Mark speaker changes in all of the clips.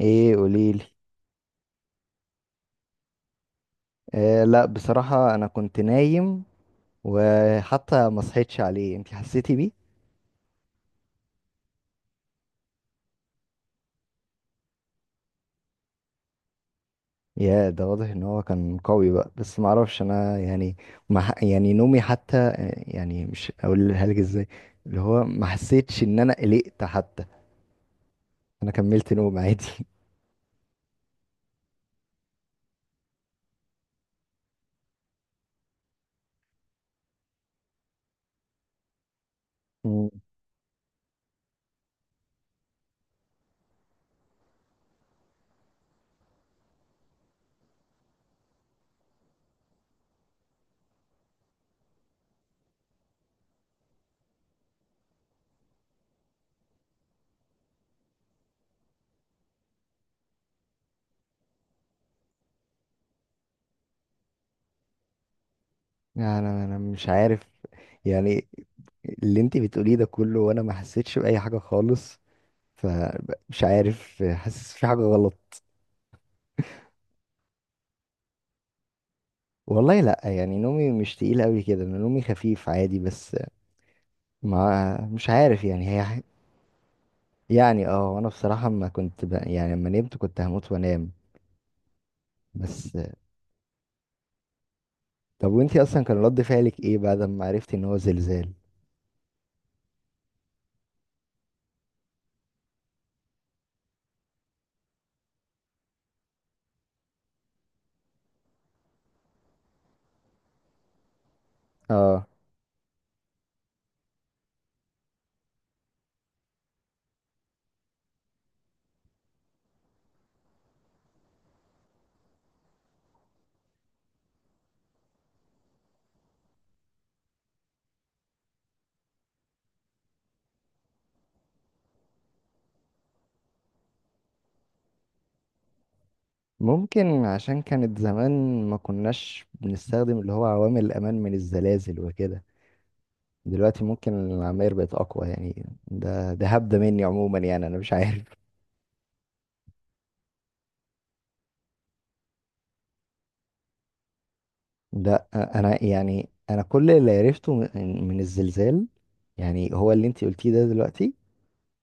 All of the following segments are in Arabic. Speaker 1: ايه قوليلي. آه، لا بصراحة انا كنت نايم، وحتى ما صحيتش عليه. انتي حسيتي بيه؟ يا ده واضح ان هو كان قوي بقى، بس ما اعرفش انا ما يعني نومي حتى آه، مش اقولها لك ازاي، اللي هو ما حسيتش ان انا قلقت حتى. انا كملت نوم عادي. مم. انا مش عارف، يعني اللي انتي بتقوليه ده كله وانا ما حسيتش بأي حاجة خالص، فمش عارف، حاسس في حاجة غلط. والله لا، نومي مش تقيل قوي كده، انا نومي خفيف عادي، بس ما مش عارف هي اه، وانا بصراحة ما كنت لما نمت كنت هموت وانام بس. طب وانتي اصلا كان رد فعلك ايه بعد ما عرفتي ان هو زلزال؟ اه. ممكن عشان كانت زمان ما كناش بنستخدم اللي هو عوامل الامان من الزلازل وكده، دلوقتي ممكن العماير بقت اقوى. ده هبدة مني عموما، انا مش عارف. ده انا انا كل اللي عرفته من الزلزال، هو اللي انتي قلتيه ده دلوقتي،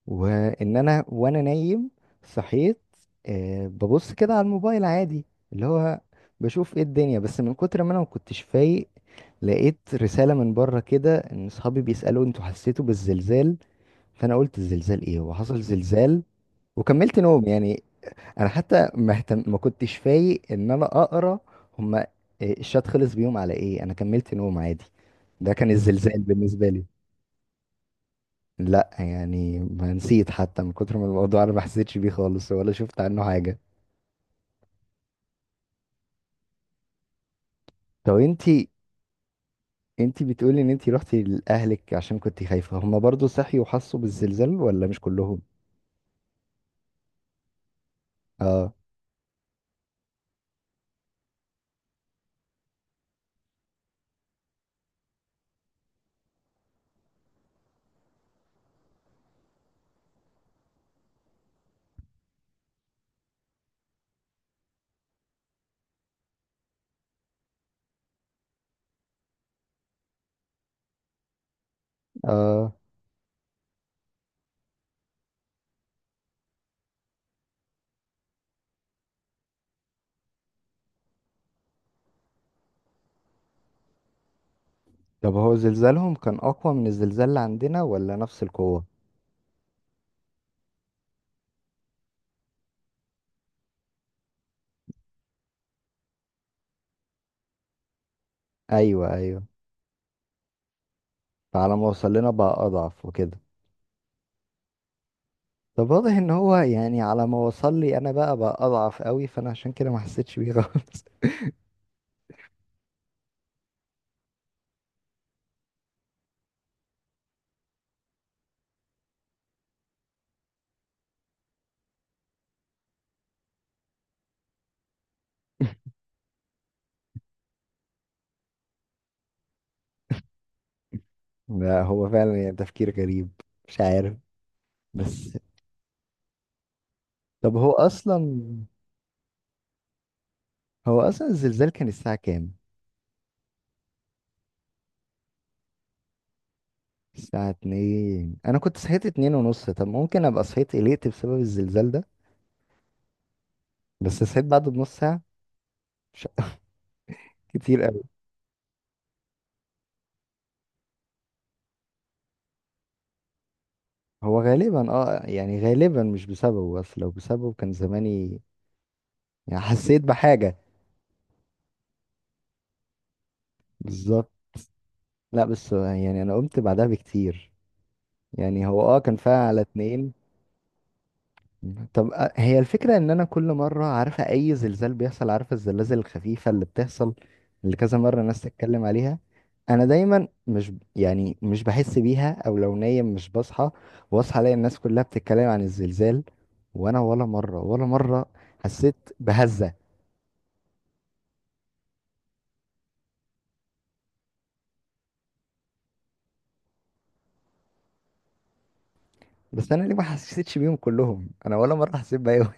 Speaker 1: وان انا نايم صحيت آه، ببص كده على الموبايل عادي، اللي هو بشوف ايه الدنيا، بس من كتر ما انا ما كنتش فايق لقيت رسالة من بره كده ان اصحابي بيسألوا انتوا حسيتوا بالزلزال، فانا قلت الزلزال ايه؟ هو حصل زلزال؟ وكملت نوم انا حتى ما كنتش فايق ان انا اقرا هما إيه، الشات خلص بيهم على ايه. انا كملت نوم عادي. ده كان الزلزال بالنسبه لي. لا ما نسيت حتى، من كتر ما الموضوع انا ما حسيتش بيه خالص ولا شفت عنه حاجه. طب انتي، انتي بتقولي ان انتي رحتي لاهلك عشان كنتي خايفه، هما برضو صحيوا وحسوا بالزلزال ولا مش كلهم؟ اه اه. طب هو زلزالهم كان اقوى من الزلزال اللي عندنا ولا نفس القوه؟ ايوه ايوه، فعلى ما وصل لنا بقى اضعف وكده. طب واضح ان هو على ما وصل لي انا بقى اضعف قوي، فانا عشان كده ما حسيتش بيه خالص. لا هو فعلا تفكير غريب. مش عارف بس. طب هو اصلا، الزلزال كان الساعة كام؟ الساعة اتنين؟ انا كنت صحيت اتنين ونص، طب ممكن ابقى صحيت قلقت بسبب الزلزال ده، بس صحيت بعده بنص ساعة، مش كتير قوي. هو غالبا اه، غالبا مش بسببه، بس لو بسببه كان زماني حسيت بحاجة. بالظبط. لا بس انا قمت بعدها بكتير، هو اه كان فيها على اتنين. طب آه، هي الفكرة ان انا كل مرة عارفة اي زلزال بيحصل، عارفة الزلازل الخفيفة اللي بتحصل اللي كذا مرة الناس تتكلم عليها، انا دايما مش بحس بيها، او لو نايم مش بصحى، واصحى الاقي الناس كلها بتتكلم عن الزلزال وانا ولا مرة، ولا مرة حسيت بهزة. بس انا ليه ما حسيتش بيهم كلهم؟ انا ولا مرة حسيت بيهم.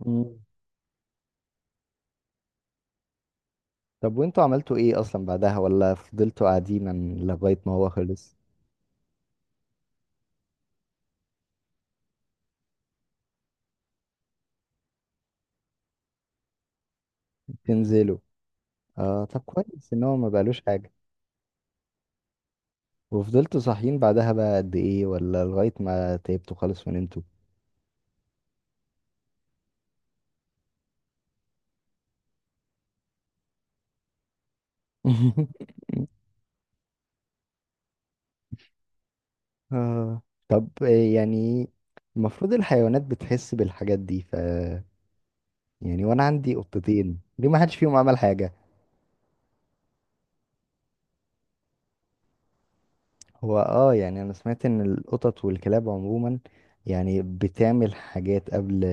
Speaker 1: مم. طب وانتوا عملتوا ايه اصلا بعدها؟ ولا فضلتوا قاعدين لغاية ما هو خلص؟ تنزلوا؟ اه، طب كويس ان هو ما بقالوش حاجه. وفضلتوا صاحيين بعدها بقى قد ايه؟ ولا لغايه ما تعبتوا خالص ونمتوا؟ اه. طب إيه المفروض الحيوانات بتحس بالحاجات دي، ف وانا عندي قطتين ليه ما حدش فيهم عمل حاجه؟ هو اه، انا سمعت ان القطط والكلاب عموما بتعمل حاجات قبل،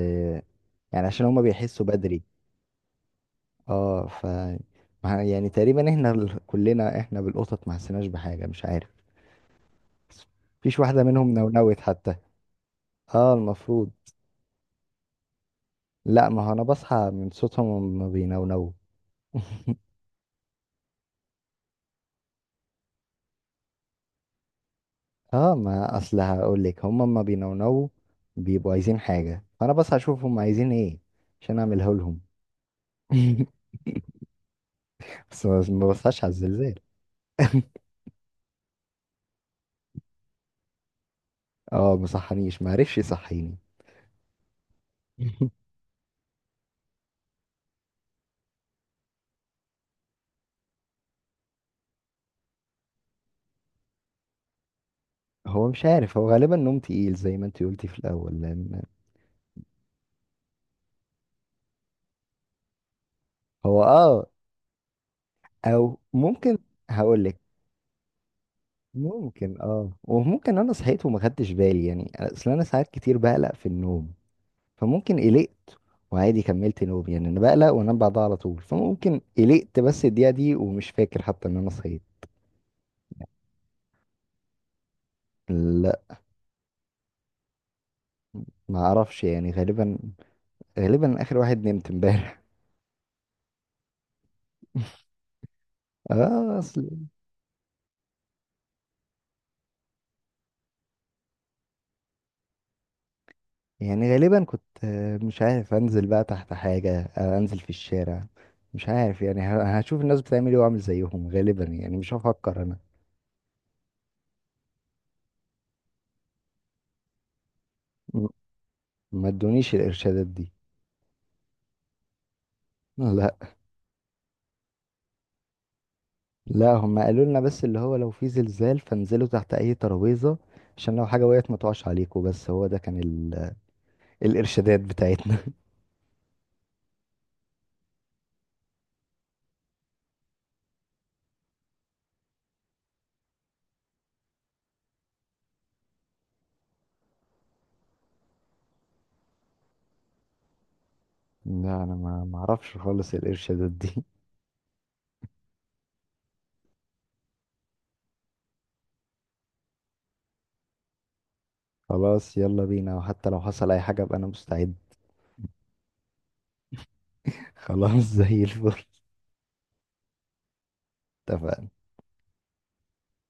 Speaker 1: عشان هما بيحسوا بدري. اه ف تقريبا احنا كلنا احنا بالقطط ما حسيناش بحاجه. مش عارف، مفيش واحدة منهم نونوت حتى. اه المفروض. لا ما هو انا بصحى من صوتهم ما بينونوا. اه، ما اصل هقول لك، هما ما بينونوا بيبقوا عايزين حاجة، فانا بصحى اشوف هما عايزين ايه عشان اعملها لهم. بس ما بصحاش على الزلزال. اه ما صحانيش، ما عرفش يصحيني. هو مش عارف، هو غالبا نوم تقيل زي ما انت قلتي في الاول لان. هو اه، او ممكن، هقول لك، ممكن اه، وممكن انا صحيت وما خدتش بالي، اصل انا ساعات كتير بقلق في النوم، فممكن قلقت وعادي كملت نوم. انا بقلق وانام بعدها على طول، فممكن قلقت بس الدقيقة دي ومش فاكر حتى ان انا صحيت. لا. ما اعرفش، غالبا، غالبا اخر واحد نمت امبارح. اه اصل. غالبا كنت آه، مش عارف انزل بقى تحت حاجة آه، انزل في الشارع. مش عارف، هشوف الناس بتعمل ايه واعمل زيهم غالبا، مش هفكر انا. م- ما ادونيش الارشادات دي. لا، لا هم قالوا لنا بس اللي هو لو في زلزال فانزلوا تحت اي ترابيزة عشان لو حاجة وقعت ما تقعش عليكم، بس هو ده كان الارشادات بتاعتنا. لا انا ما اعرفش خالص الارشادات دي. خلاص يلا بينا، وحتى لو حصل اي حاجة ابقى انا مستعد. خلاص زي الفل. اتفقنا.